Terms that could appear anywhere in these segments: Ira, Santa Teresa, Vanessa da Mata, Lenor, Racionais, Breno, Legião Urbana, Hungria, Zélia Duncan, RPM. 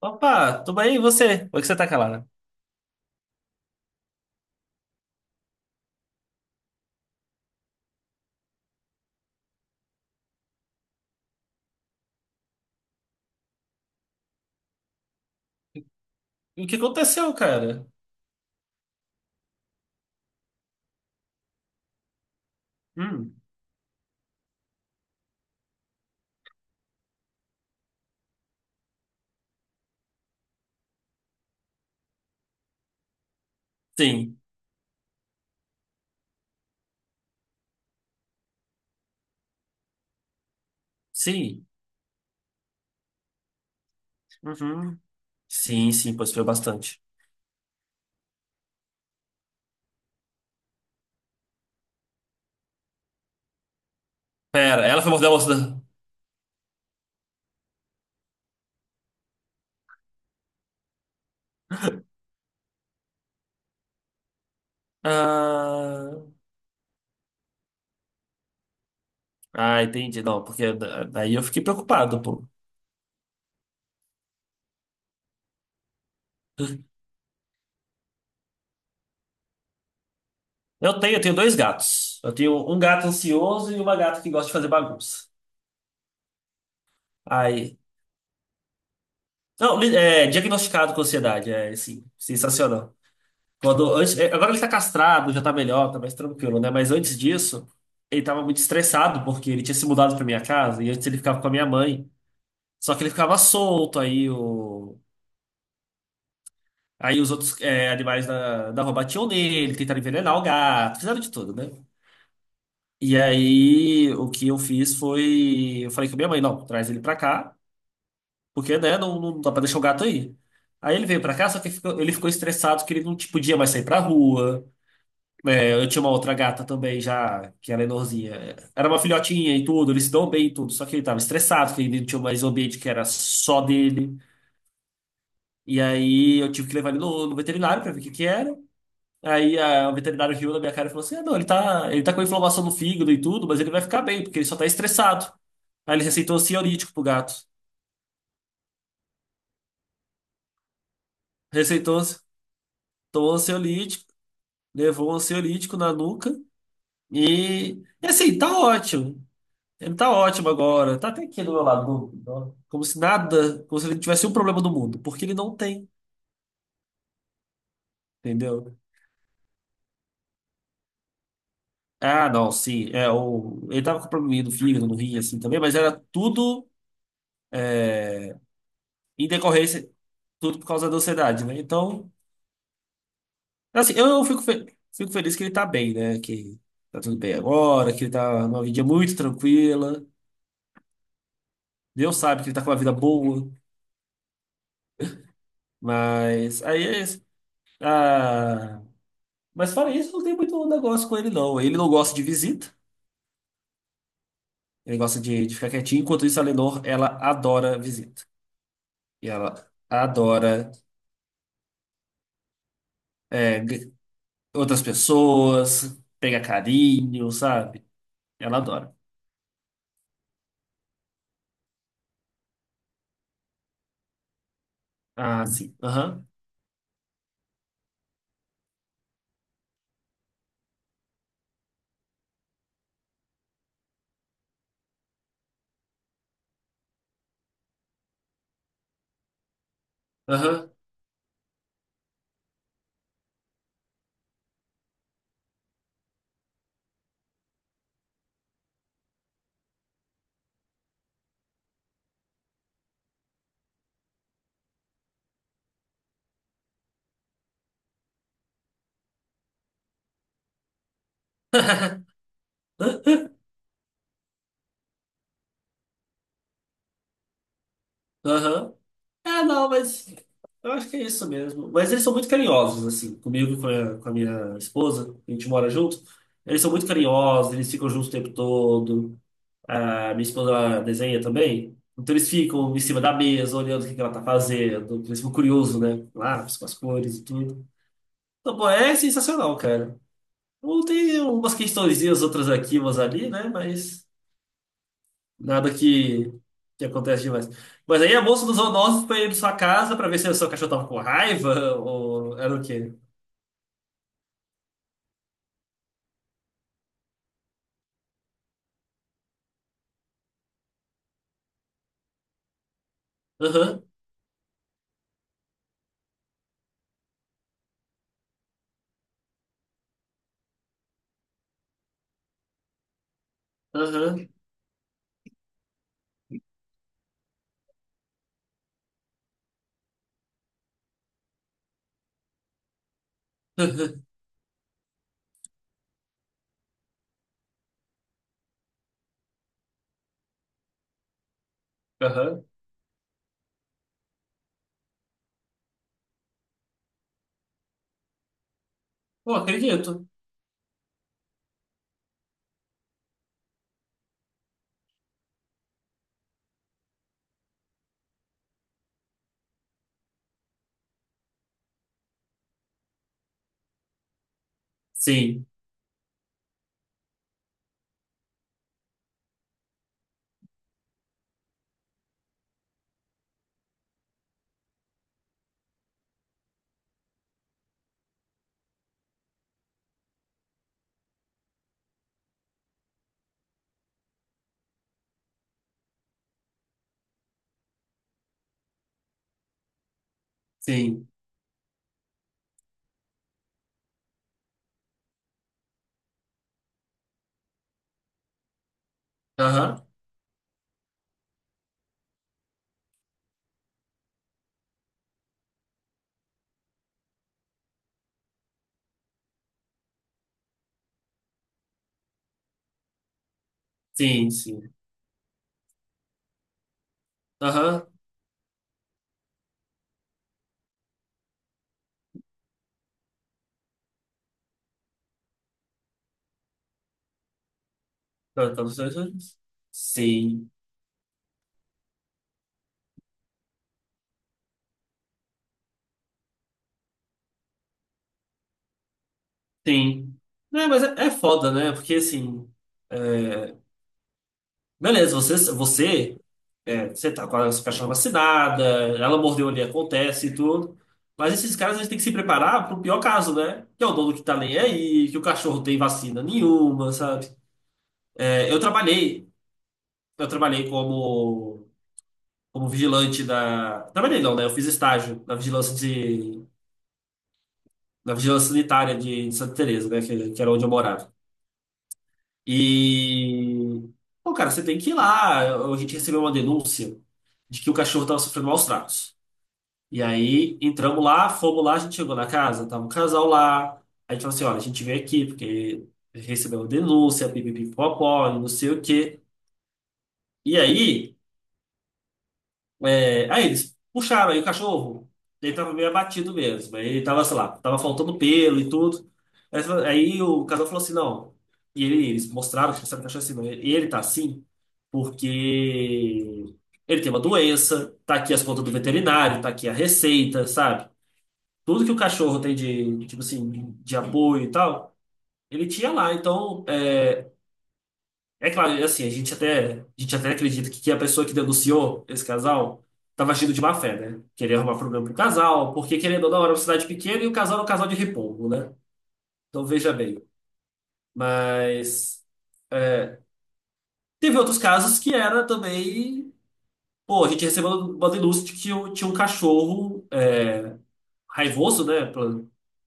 Opa, tudo bem? E você? Por que você tá calada? E o que aconteceu, cara? Hum, sim, sim. Uhum. Sim, sim, pois foi bastante. Pera, ela foi morder a moça da... Ah, ah, entendi. Não, porque daí eu fiquei preocupado, pô. Eu tenho dois gatos. Eu tenho um gato ansioso e uma gata que gosta de fazer bagunça. Aí... Não, é, diagnosticado com ansiedade, é, sim, sensacional. É, agora ele tá castrado, já tá melhor, tá mais tranquilo, né? Mas antes disso, ele tava muito estressado porque ele tinha se mudado pra minha casa e antes ele ficava com a minha mãe. Só que ele ficava solto, aí os outros é, animais da rua batiam nele, tentaram envenenar o gato, fizeram de tudo, né? E aí o que eu fiz foi, eu falei com a minha mãe, não, traz ele pra cá, porque, né, não dá pra deixar o gato aí. Aí ele veio pra cá, só que ele ficou estressado que ele não tipo, podia mais sair pra rua. É, eu tinha uma outra gata também, já, que era menorzinha. Era uma filhotinha e tudo, eles se dão bem e tudo, só que ele tava estressado, porque ele não tinha mais um ambiente que era só dele. E aí eu tive que levar ele no veterinário pra ver o que que era. Aí o veterinário riu na minha cara e falou assim: ah, não, ele tá com inflamação no fígado e tudo, mas ele vai ficar bem, porque ele só tá estressado. Aí ele receitou ansiolítico pro gato. Receitou, tomou ansiolítico, levou um ansiolítico na nuca. E, e assim, tá ótimo. Ele tá ótimo agora. Tá até aqui do meu lado. Como se nada, como se ele tivesse um problema do mundo, porque ele não tem, entendeu? Ah, não, sim. É, o, ele tava com probleminha no fígado, no rim, assim também, mas era tudo em decorrência, tudo por causa da ansiedade, né? Então, assim, eu fico, fico feliz que ele tá bem, né? Que tá tudo bem agora, que ele tá numa vida muito tranquila. Deus sabe que ele tá com uma vida boa, mas aí é isso. Ah, mas fora isso, não tem muito negócio com ele, não. Ele não gosta de visita. Ele gosta de ficar quietinho. Enquanto isso, a Lenor, ela adora visita. E ela adora é, outras pessoas, pegar carinho, sabe? Ela adora. Ah, sim. Aham. Aham. Aham. Ah, não, mas eu acho que é isso mesmo. Mas eles são muito carinhosos, assim, comigo e com com a minha esposa, a gente mora junto. Eles são muito carinhosos, eles ficam juntos o tempo todo. A minha esposa ela desenha também. Então eles ficam em cima da mesa, olhando o que que ela tá fazendo. Eles ficam curiosos, né? Lá com as cores e tudo. Então, pô, é sensacional, cara. Ou tem umas questõezinhas, outras aqui, umas ali, né? Mas nada que acontece demais. Mas aí a moça dos zoonoses foi ir na sua casa pra ver se o seu cachorro tava com raiva ou era o quê? Aham, aham, aham. Pô, acredito. Sim, sim. Aham, sim, sim. Aham. Não, tá nos dois anos. Sim, sim. Não, mas é, é foda, né? Porque assim. É, Beleza, você, é, você tá com a sua cachorra vacinada, ela mordeu ali, acontece e tudo. Mas esses caras, eles têm que se preparar pro pior caso, né? Que é o dono que tá nem aí, que o cachorro tem vacina nenhuma, sabe? É, eu trabalhei como, como vigilante da. Trabalhei não, né? Eu fiz estágio na vigilância de. Na vigilância sanitária de Santa Teresa, né? Que era onde eu morava. E, pô, cara, você tem que ir lá. A gente recebeu uma denúncia de que o cachorro estava sofrendo maus tratos. E aí entramos lá, fomos lá, a gente chegou na casa, tava um casal lá. Aí a gente falou assim: olha, a gente veio aqui porque recebeu uma denúncia, pipipipopó, e não sei o quê. E aí. É, aí eles puxaram aí o cachorro. Ele tava meio abatido mesmo. Aí ele tava, sei lá, tava faltando pelo e tudo. Aí, aí o casal falou assim, não. E eles mostraram que sabe, o cachorro assim, não. Ele tá assim porque ele tem uma doença, tá aqui as contas do veterinário, tá aqui a receita, sabe? Tudo que o cachorro tem de, tipo assim, de apoio e tal, ele tinha lá. Então, é, é claro, assim, a gente até acredita que a pessoa que denunciou esse casal estava agindo de má fé, né? Queria arrumar problema pro casal, porque querendo ou não, era uma cidade pequena e o casal era um casal de repolho, né? Então veja bem. Mas é, teve outros casos que era também. Pô, a gente recebeu uma denúncia de que tinha um cachorro. É, raivoso, né,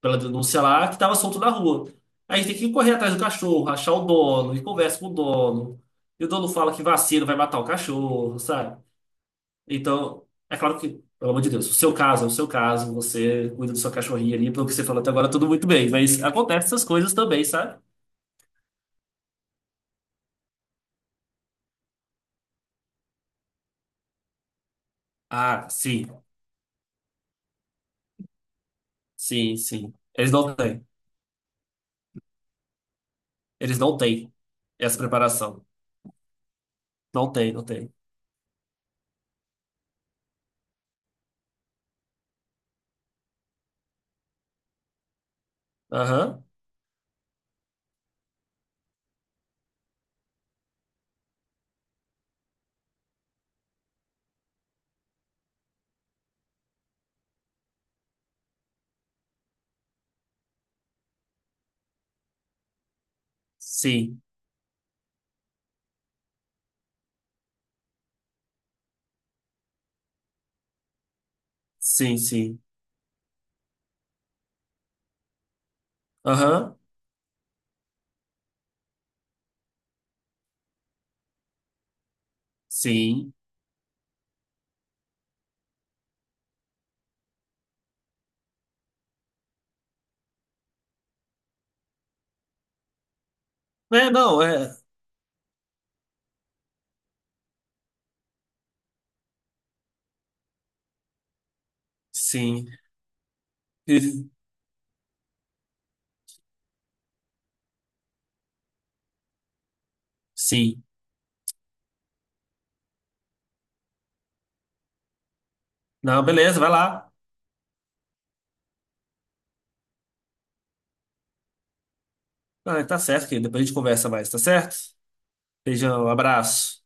pela denúncia lá, que estava solto na rua. Aí a gente tem que correr atrás do cachorro, achar o dono, e conversa com o dono. E o dono fala que vacina vai matar o cachorro, sabe? Então, é claro que, pelo amor de Deus, o seu caso é o seu caso, você cuida do seu cachorrinho ali, pelo que você falou até agora, tudo muito bem, mas acontece essas coisas também, sabe? Ah, sim, sim. Eles não têm. Eles não têm essa preparação. Não tem, não tem. Aham. Sim, sim, sim. Aham. Sim. É, não, é. Sim. E- Sim. Não, beleza, vai lá. Ah, tá certo, querido. Depois a gente conversa mais, tá certo? Beijão, abraço.